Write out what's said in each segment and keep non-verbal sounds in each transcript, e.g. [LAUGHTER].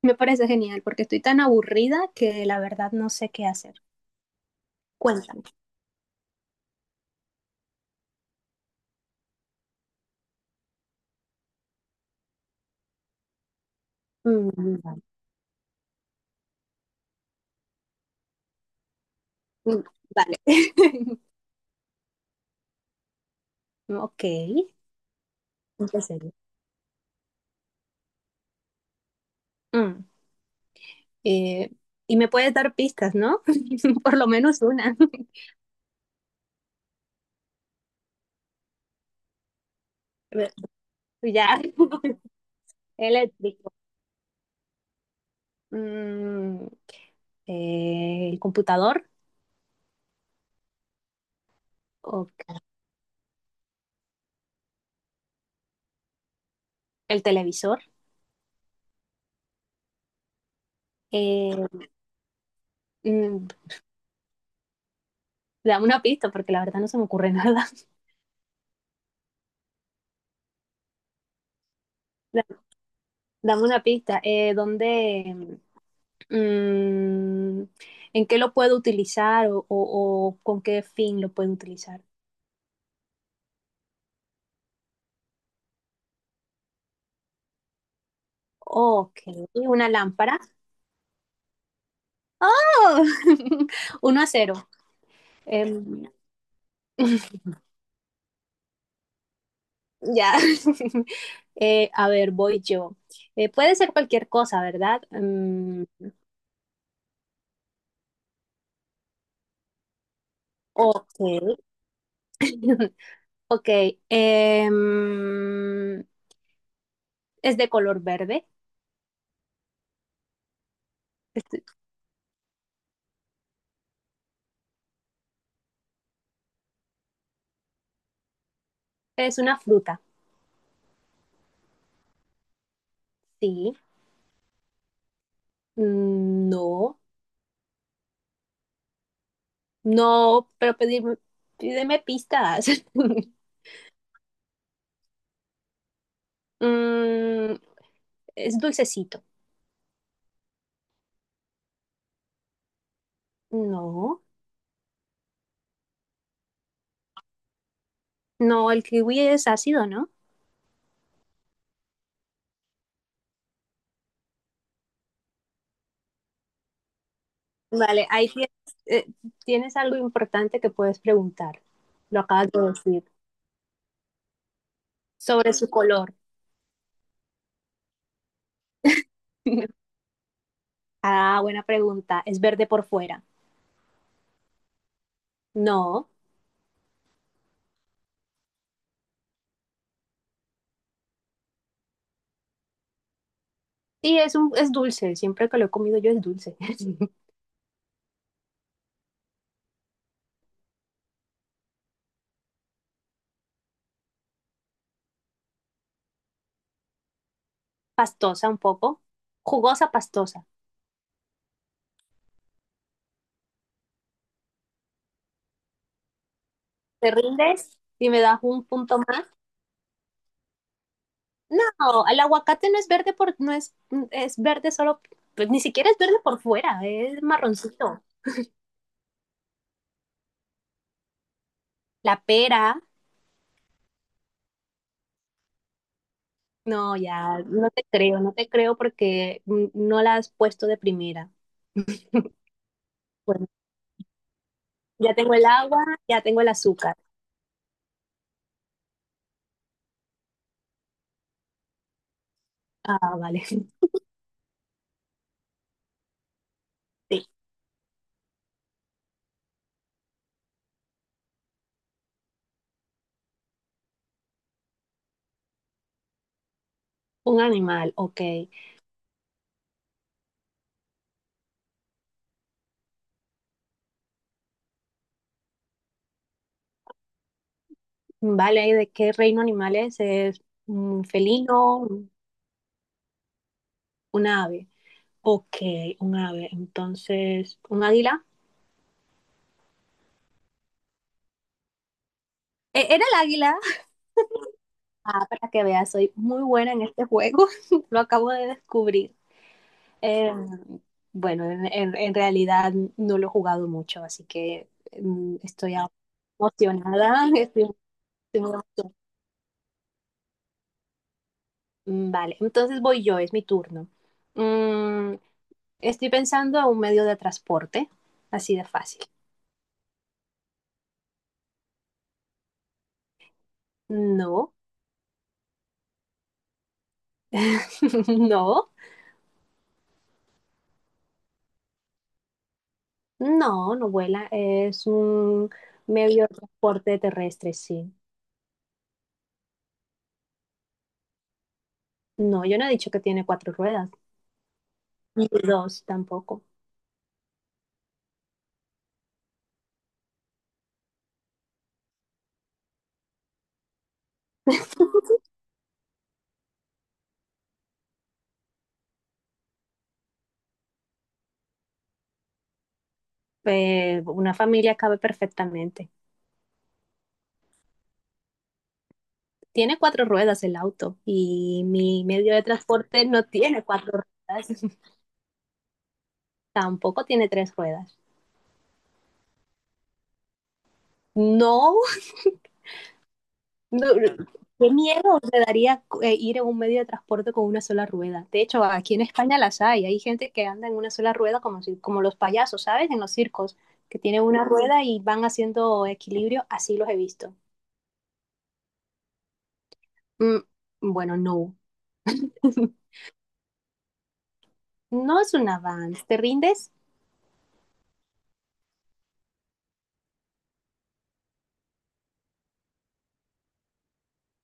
Me parece genial porque estoy tan aburrida que la verdad no sé qué hacer. Cuéntame. Mm, vale. Mm, vale. [LAUGHS] Ok, empecemos. Mm, eh, y me puedes dar pistas, ¿no? [LAUGHS] Por lo menos una. [LAUGHS] A ver. Ya. [LAUGHS] Eléctrico. Mm, el computador. Ok. El televisor. Eh, mm, Dame una pista porque la verdad no se me ocurre nada. [LAUGHS] Da- Dame una pista. Mm, ¿En qué lo puedo utilizar o con qué fin lo puedo utilizar? Ok, una lámpara. ¡Oh! [LAUGHS] Uno a cero. Em, [LAUGHS] ya. [LAUGHS] A ver, voy yo. Puede ser cualquier cosa, ¿verdad? Mm, ok. [LAUGHS] Ok. em, es de color verde. Es, es una fruta. Sí. Mm, no. No, pero pídeme pistas. [LAUGHS] Mm, es dulcecito. No, no, el kiwi es ácido, ¿no? Vale, ahí tienes, eh, tienes algo importante que puedes preguntar. Lo acabas de decir. Sobre su color. [LAUGHS] Ah, buena pregunta. ¿Es verde por fuera? No. Sí, es dulce. Siempre que lo he comido yo es dulce. [LAUGHS] Pastosa un poco. Jugosa, pastosa. ¿Te rindes? Y me das un punto más. No, el aguacate no es, es verde solo, pues ni siquiera es verde por fuera, es marroncito. La pera, no, ya, no te creo, no te creo porque no la has puesto de primera. Bueno, ya tengo el agua, ya tengo el azúcar. Ah, vale. [LAUGHS] Sí. Un animal, ok. Vale, ¿de qué reino animal es? ¿Es un felino, un ave? Ok, un ave. Entonces, ¿un águila? ¿Era el águila? Ah, para que veas, soy muy buena en este juego. [LAUGHS] Lo acabo de descubrir. Eh, bueno, en realidad no lo he jugado mucho, así que mm, estoy a- emocionada. [LAUGHS] Estoy, estoy muy emocionada. Mm, vale, entonces voy yo, es mi turno. Mm, Estoy pensando a un medio de transporte, así de fácil. No, [LAUGHS] no, no, no vuela. Es un medio de transporte terrestre, sí. No, yo no he dicho que tiene cuatro ruedas. Ni dos tampoco. [LAUGHS] Una familia cabe perfectamente. Tiene cuatro ruedas el auto y mi medio de transporte no tiene cuatro ruedas, [LAUGHS] tampoco tiene tres ruedas. No, no, qué miedo me daría ir en un medio de transporte con una sola rueda. De hecho, aquí en España las hay, hay gente que anda en una sola rueda como, como los payasos, ¿sabes? En los circos, que tienen una rueda y van haciendo equilibrio, así los he visto. Mm, bueno, no. [LAUGHS] No es un avance, te rindes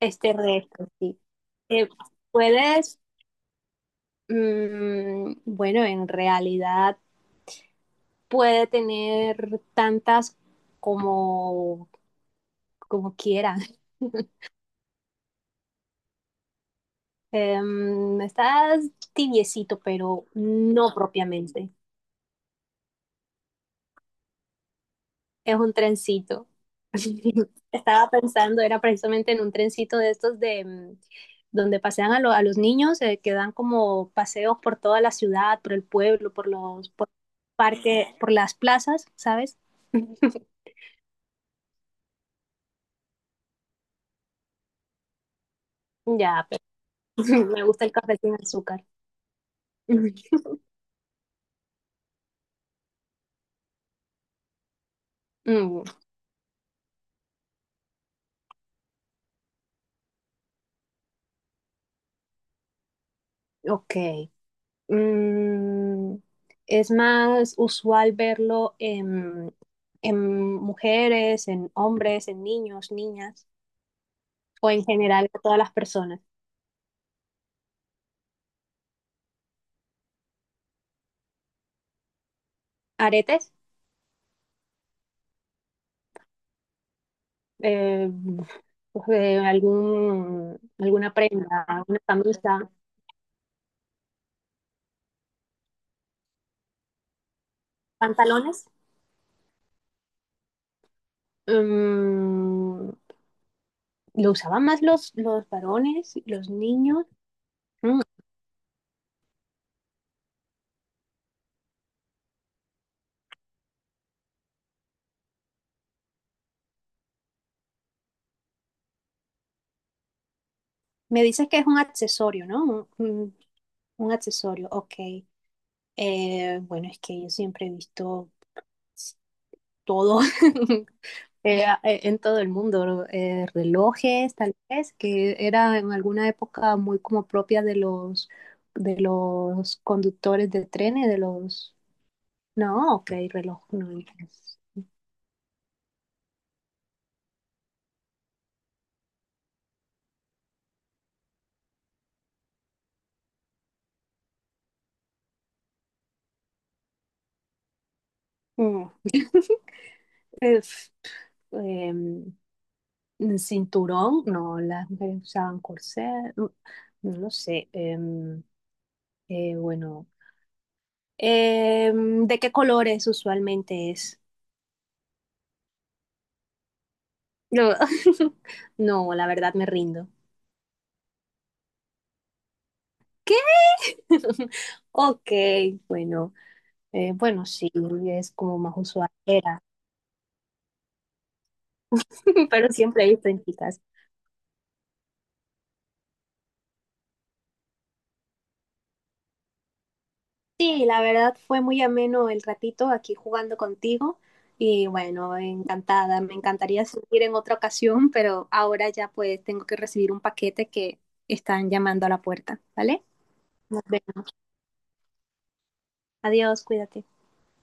este reto, sí. Eh, puedes, bueno, en realidad puede tener tantas como, como quiera. [LAUGHS] Em, estás tibiecito, pero no propiamente. Es un trencito. [LAUGHS] Estaba pensando, era precisamente en un trencito de estos de donde pasean a, a los niños, que dan como paseos por toda la ciudad, por el pueblo, por los por parques, por las plazas, ¿sabes? Ya, pero [LAUGHS] me gusta el café sin azúcar. [LAUGHS] Mm, ok. Mm, es más usual verlo en mujeres, en hombres, en niños, niñas, o en general a todas las personas. Aretes, eh, pues, algún, alguna prenda, una camisa, pantalones. Mm, lo usaban más los varones, los niños. Mm, me dices que es un accesorio, ¿no? Un accesorio, ok. Bueno, es que yo siempre he visto pues, todo. [LAUGHS] Eh, en todo el mundo, ¿no? Relojes tal vez, que era en alguna época muy como propia de los conductores de trenes, de los... No, ok, reloj, no entonces. Mm. [LAUGHS] Es, em, Cinturón, no, las mujeres usaban corset, no, no lo sé. Bueno, ¿de qué colores usualmente es? No, [LAUGHS] no, la verdad me rindo. [LAUGHS] Ok, bueno, bueno, sí, es como más usual era, [LAUGHS] pero siempre hay visto en chicas. Sí, la verdad fue muy ameno el ratito aquí jugando contigo y bueno, encantada. Me encantaría seguir en otra ocasión, pero ahora ya pues tengo que recibir un paquete que están llamando a la puerta, ¿vale? Nos vemos. Adiós, cuídate.